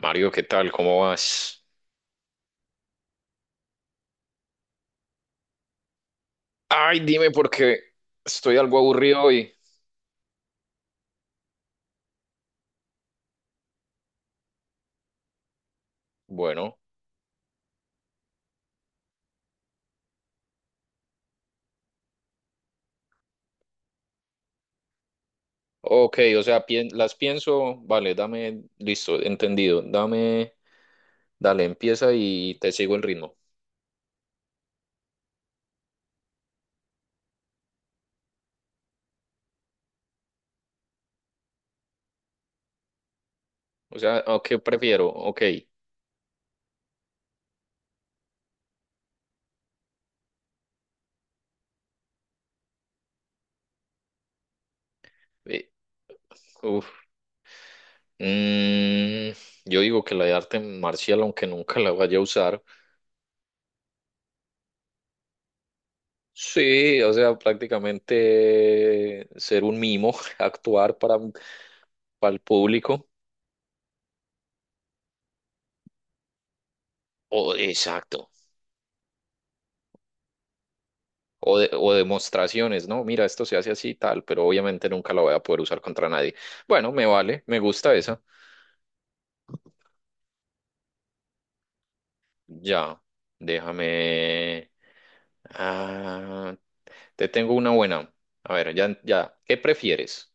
Mario, ¿qué tal? ¿Cómo vas? Ay, dime porque estoy algo aburrido hoy. Bueno, ok, o sea, las pienso, vale, dame, listo, entendido, dame, dale, empieza y te sigo el ritmo. O sea, ¿a ¿qué prefiero? Ok, eh, uf, mm, yo digo que la de arte marcial, aunque nunca la vaya a usar, sí, o sea, prácticamente ser un mimo, actuar para el público. Oh, exacto. O, o demostraciones, ¿no? Mira, esto se hace así y tal, pero obviamente nunca la voy a poder usar contra nadie. Bueno, me vale, me gusta esa. Ya, déjame. Ah, te tengo una buena. A ver, ya, ya. ¿Qué prefieres?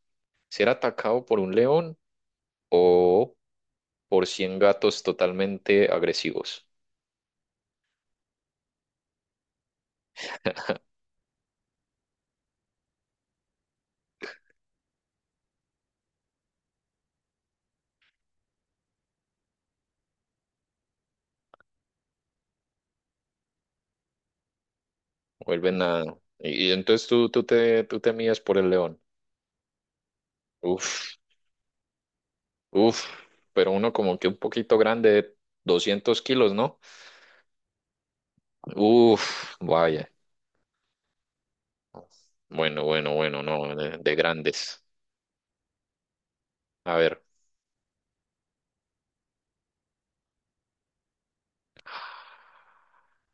¿Ser atacado por un león o por 100 gatos totalmente agresivos? Vuelven a... Y entonces tú te mides por el león. Uf, uf, pero uno como que un poquito grande, 200 kilos, ¿no? Uf, vaya. Bueno, bueno, bueno, no, de grandes. A ver,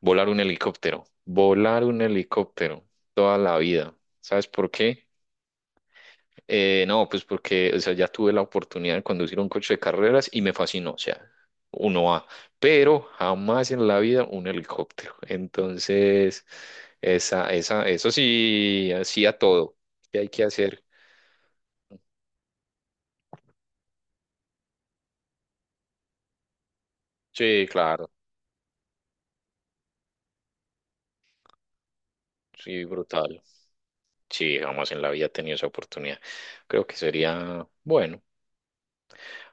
volar un helicóptero toda la vida. ¿Sabes por qué? No, pues porque, o sea, ya tuve la oportunidad de conducir un coche de carreras y me fascinó, o sea, uno a, pero jamás en la vida un helicóptero. Entonces, eso sí, así a todo. ¿Qué hay que hacer? Sí, claro, sí, brutal. Sí, jamás en la vida he tenido esa oportunidad. Creo que sería bueno.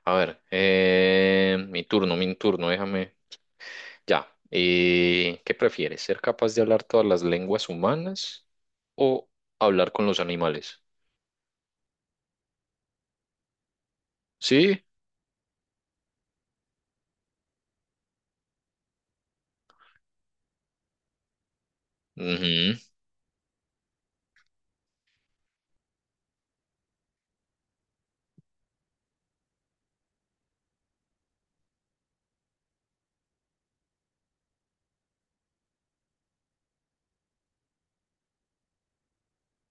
A ver, mi turno, déjame. Ya. ¿Qué prefieres? ¿Ser capaz de hablar todas las lenguas humanas o hablar con los animales? Sí. Ujú.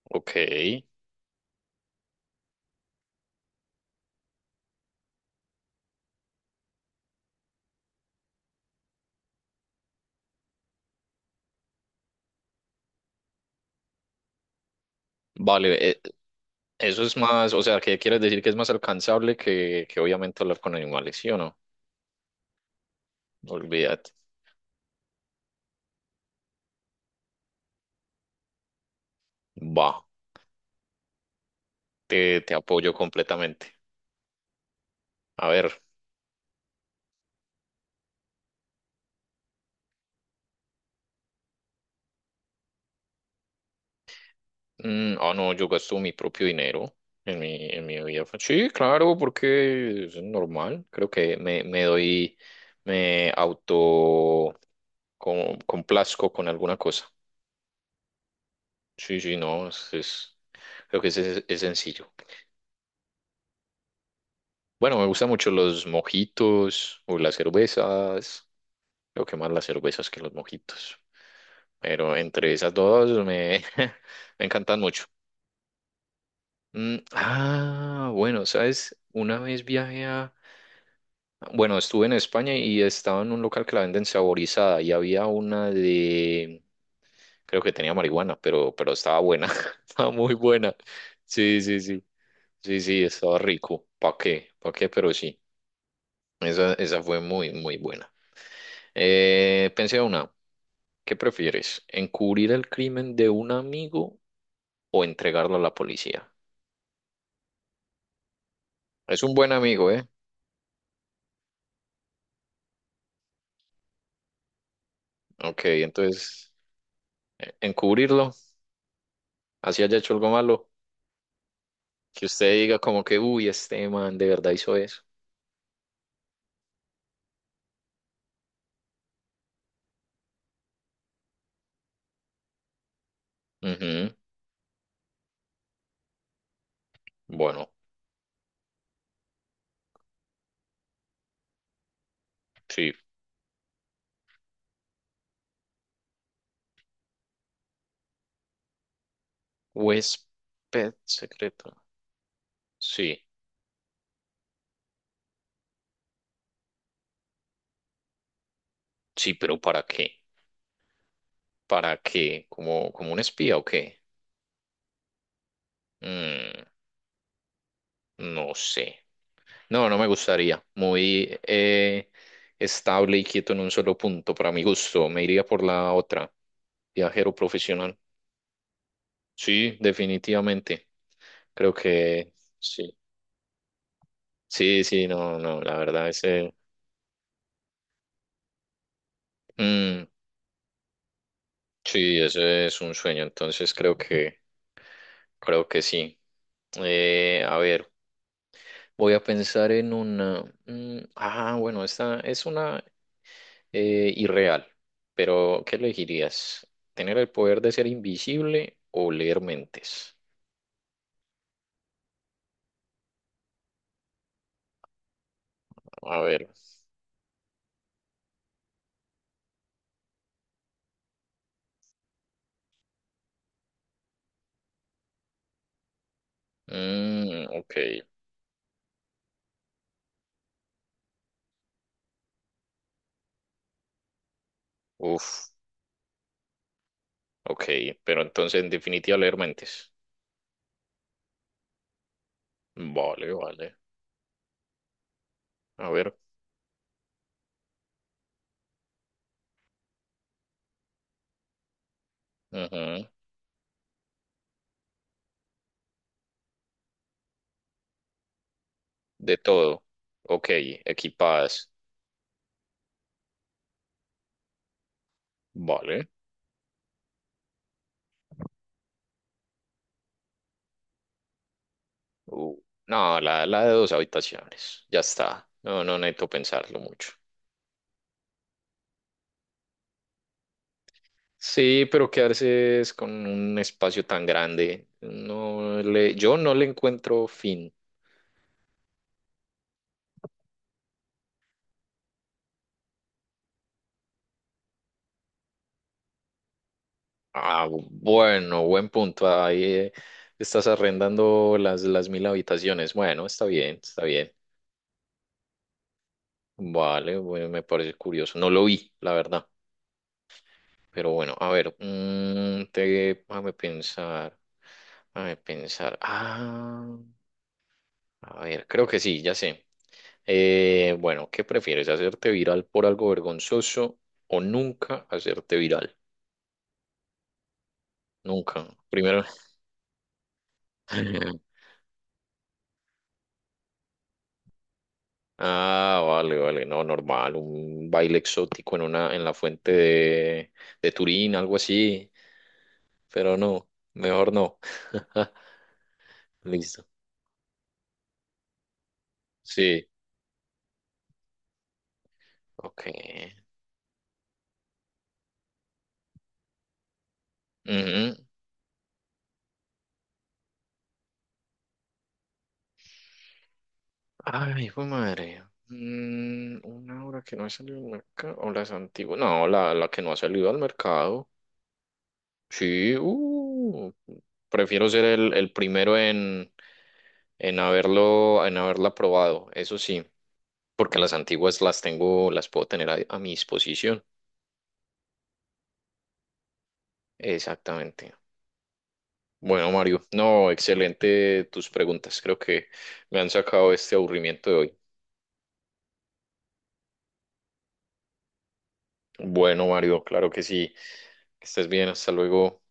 Ok. Vale, eso es más, o sea, ¿qué quieres decir que es más alcanzable que obviamente hablar con animales, sí o no? Olvídate. Va, te apoyo completamente. A ver, no, yo gasto mi propio dinero en mi vida. Fa- Sí, claro, porque es normal. Creo que me doy, me auto complazco con alguna cosa. Sí, sí, no, creo que es, es sencillo. Bueno, me gustan mucho los mojitos o las cervezas. Creo que más las cervezas que los mojitos. Pero entre esas dos me, me encantan mucho. Bueno, ¿sabes? Una vez viajé a... Bueno, estuve en España y estaba en un local que la venden saborizada y había una de, creo que tenía marihuana, pero estaba buena, estaba muy buena. Sí, sí, sí, sí, sí, estaba rico. ¿Para qué? ¿Para qué? Pero sí, esa fue muy, muy buena. Pensé una, ¿qué prefieres? ¿Encubrir el crimen de un amigo o entregarlo a la policía? Es un buen amigo, ¿eh? Ok, entonces, encubrirlo, así haya hecho algo malo. Que usted diga como que, uy, este man de verdad hizo eso. Ujú. Bueno, sí. Huésped secreto. Sí, sí, pero ¿para qué? ¿Para qué? ¿Como, como un espía o qué? Mm, no sé. No, no me gustaría. Muy estable y quieto en un solo punto, para mi gusto. Me iría por la otra. Viajero profesional. Sí, definitivamente. Creo que sí. Sí, sí, no, no, la verdad es... Sí, eso es un sueño, entonces creo que sí. A ver, voy a pensar en una. Bueno, esta es una irreal, pero ¿qué elegirías? ¿Tener el poder de ser invisible o leer mentes? A ver, mm, ok, uf, ok, pero entonces en definitiva leer mentes. Vale, vale, a ver, ujú. De todo, ok, equipadas, vale. Uh, no, la de dos habitaciones, ya está. No, no necesito pensarlo mucho. Sí, pero quedarse es con un espacio tan grande, no le, yo no le encuentro fin. Ah, bueno, buen punto. Ahí estás arrendando las 1000 habitaciones. Bueno, está bien, está bien. Vale, bueno, me parece curioso. No lo vi, la verdad. Pero bueno, a ver, déjame pensar. Déjame pensar. Ah. A ver, creo que sí, ya sé. Bueno, ¿qué prefieres? ¿Hacerte viral por algo vergonzoso o nunca hacerte viral? Nunca. Primero. Ah, vale, vale, no, normal, un baile exótico en una, en la fuente de Turín, algo así, pero no, mejor no. Listo. Sí, ok. Ujú. Ay, fue madre. Mm, una hora que no ha salido al mercado, o las antiguas, no, la que no ha salido al mercado. Sí, prefiero ser el primero en, en haberla probado, eso sí, porque las antiguas las tengo, las puedo tener a mi disposición. Exactamente. Bueno, Mario, no, excelente tus preguntas. Creo que me han sacado este aburrimiento de hoy. Bueno, Mario, claro que sí. Que estés bien, hasta luego.